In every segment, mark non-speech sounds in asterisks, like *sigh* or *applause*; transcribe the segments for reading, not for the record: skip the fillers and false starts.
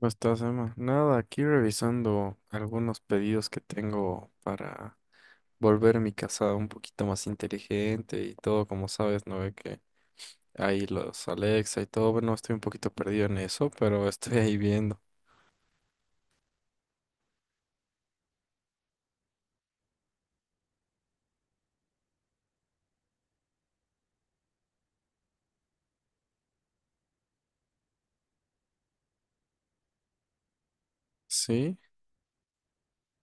¿Cómo estás, Emma? Nada, aquí revisando algunos pedidos que tengo para volver mi casa un poquito más inteligente y todo, como sabes, no ve que hay los Alexa y todo. Bueno, estoy un poquito perdido en eso, pero *laughs* estoy ahí viendo. Sí,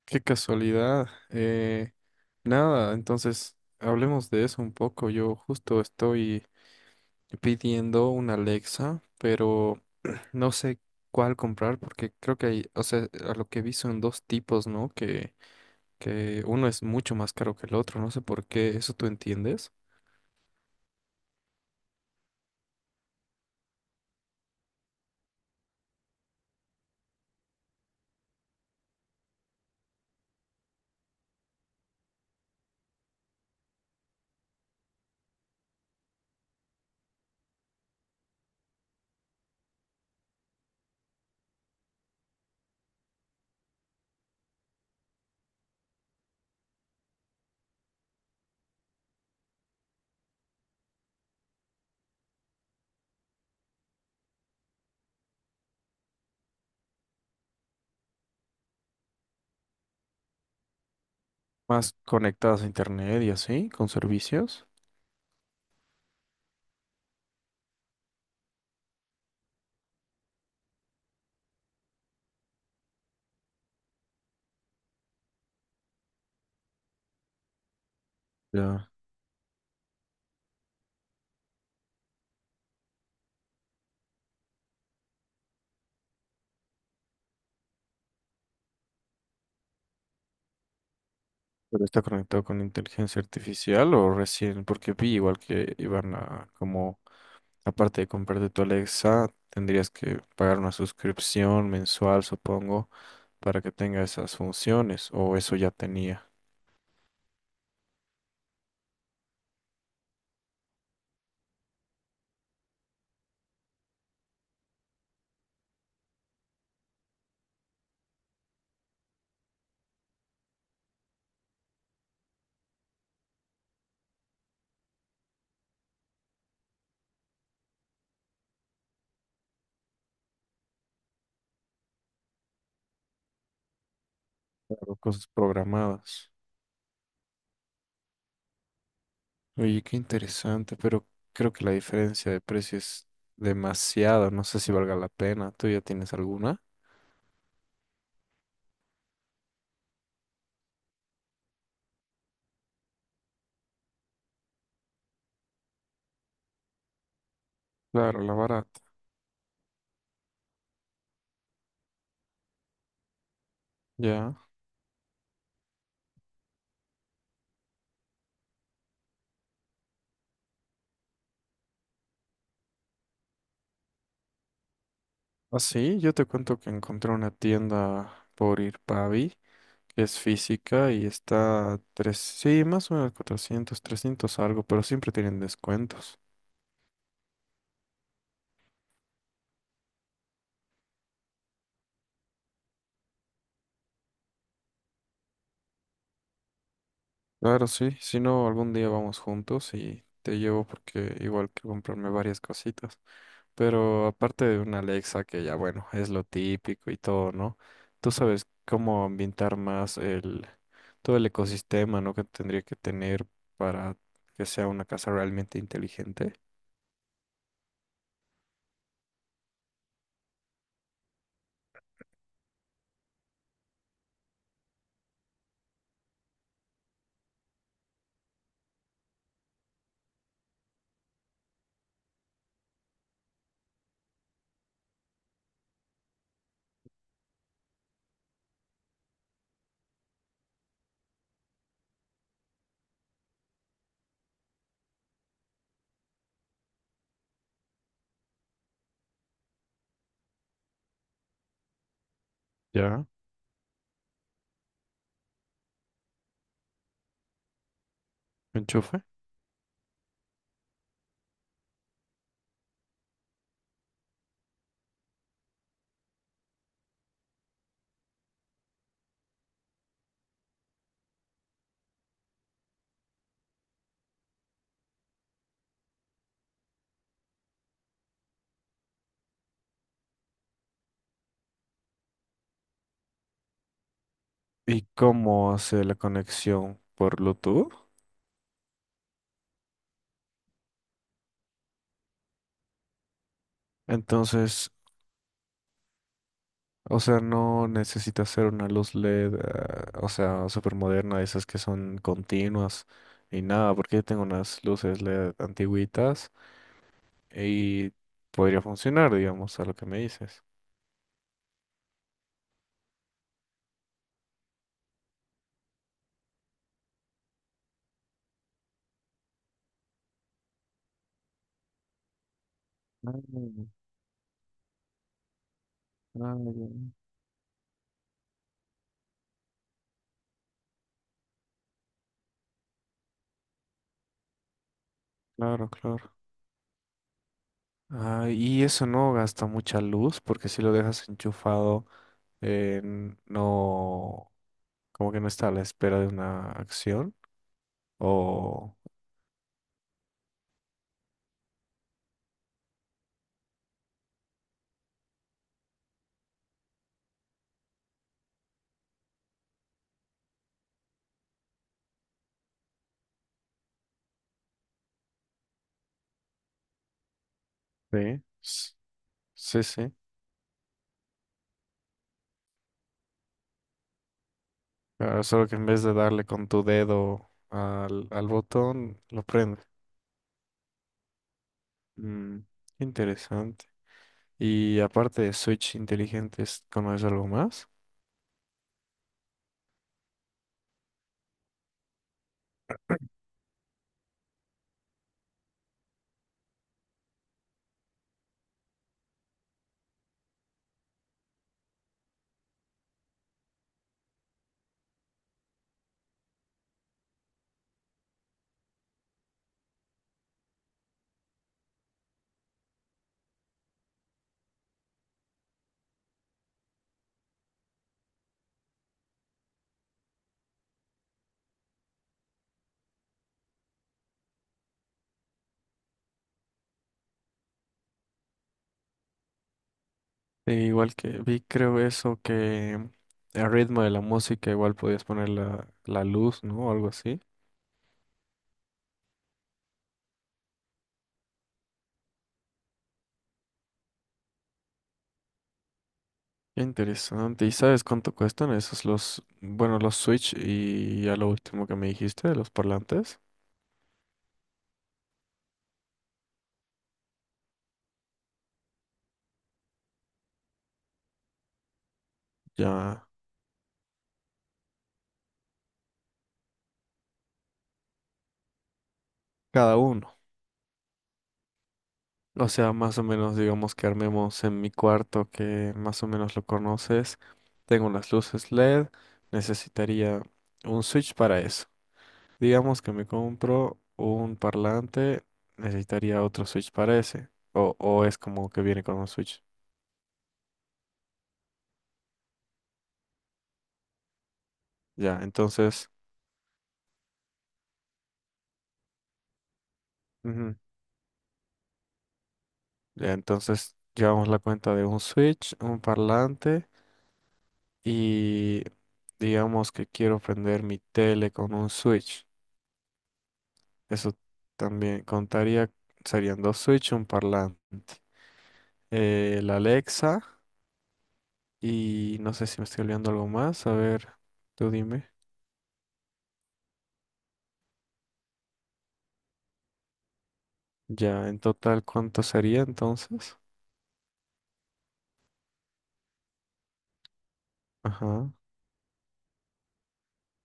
qué casualidad. Nada, entonces hablemos de eso un poco. Yo justo estoy pidiendo una Alexa, pero no sé cuál comprar porque creo que hay, o sea, a lo que vi son dos tipos, ¿no? Que uno es mucho más caro que el otro, no sé por qué, ¿eso tú entiendes? Más conectadas a internet y así, con servicios. Ya. ¿Pero está conectado con inteligencia artificial o recién? Porque vi igual que iban a, como, aparte de comprarte tu Alexa, tendrías que pagar una suscripción mensual, supongo, para que tenga esas funciones, o eso ya tenía, claro, cosas programadas. Oye, qué interesante, pero creo que la diferencia de precio es demasiada. No sé si valga la pena. ¿Tú ya tienes alguna? Claro, la barata. Ya. Ah, sí, yo te cuento que encontré una tienda por Irpavi, que es física y está a tres, sí, más o menos 400, 300 algo, pero siempre tienen descuentos. Claro, sí. Si no, algún día vamos juntos y te llevo porque igual quiero comprarme varias cositas. Pero aparte de una Alexa, que ya bueno, es lo típico y todo, ¿no? Tú sabes cómo ambientar más el, todo el ecosistema, ¿no? Que tendría que tener para que sea una casa realmente inteligente. ¿Ya? Enchufe. ¿Y cómo hace la conexión por Bluetooth? Entonces, o sea, no necesita ser una luz LED, o sea, súper moderna, esas que son continuas y nada, porque yo tengo unas luces LED antiguitas y podría funcionar, digamos, a lo que me dices. Ah, ah, ya. Claro, claro. Ah, y eso no gasta mucha luz porque si lo dejas enchufado, no, como que no está a la espera de una acción. O... Sí, sí, sí. Ah, solo que en vez de darle con tu dedo al, al botón, lo prende. Mm, interesante. Y aparte de Switch inteligentes, ¿conoces algo más? Sí, igual que vi, creo eso, que el ritmo de la música igual podías poner la, la luz, ¿no? Algo así. Qué interesante. ¿Y sabes cuánto cuestan esos los, bueno, los Switch y ya lo último que me dijiste de los parlantes? Ya, cada uno. O sea, más o menos digamos que armemos en mi cuarto que más o menos lo conoces. Tengo unas luces LED. Necesitaría un Switch para eso. Digamos que me compro un parlante, necesitaría otro Switch para ese. O es como que viene con un Switch. Ya, entonces, ujú, ya, entonces llevamos la cuenta de un Switch, un parlante y digamos que quiero prender mi tele con un Switch. Eso también contaría, serían dos Switch, un parlante. La Alexa y no sé si me estoy olvidando algo más. A ver, tú dime. Ya, en total, ¿cuánto sería entonces? Ajá.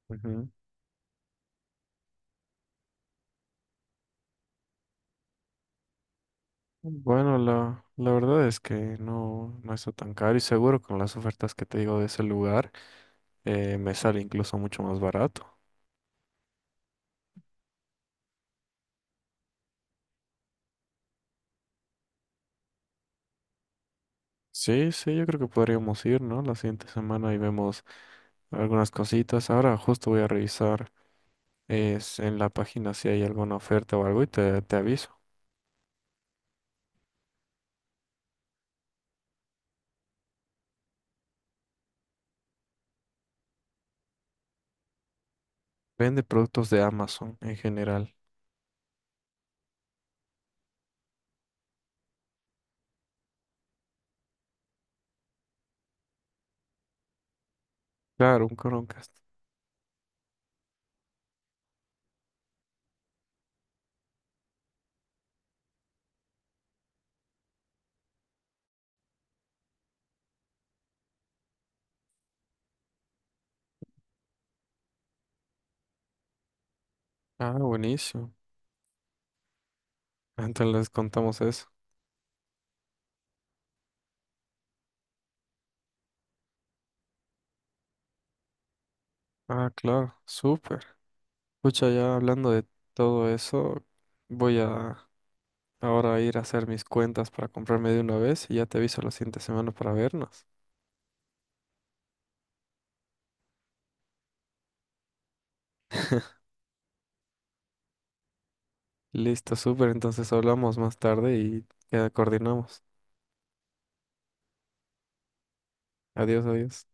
Ujú. Bueno, la verdad es que no, no está tan caro y seguro con las ofertas que te digo de ese lugar, me sale incluso mucho más barato. Sí, sí, yo creo que podríamos ir, ¿no? La siguiente semana y vemos algunas cositas. Ahora justo voy a revisar es, en la página si hay alguna oferta o algo y te aviso. Vende productos de Amazon en general. Claro, un Chromecast. Ah, buenísimo. Entonces les contamos eso. Ah, claro, súper. Pucha, ya hablando de todo eso, voy a ahora a ir a hacer mis cuentas para comprarme de una vez y ya te aviso la siguiente semana para vernos. Listo, súper, entonces hablamos más tarde y ya coordinamos. Adiós, adiós.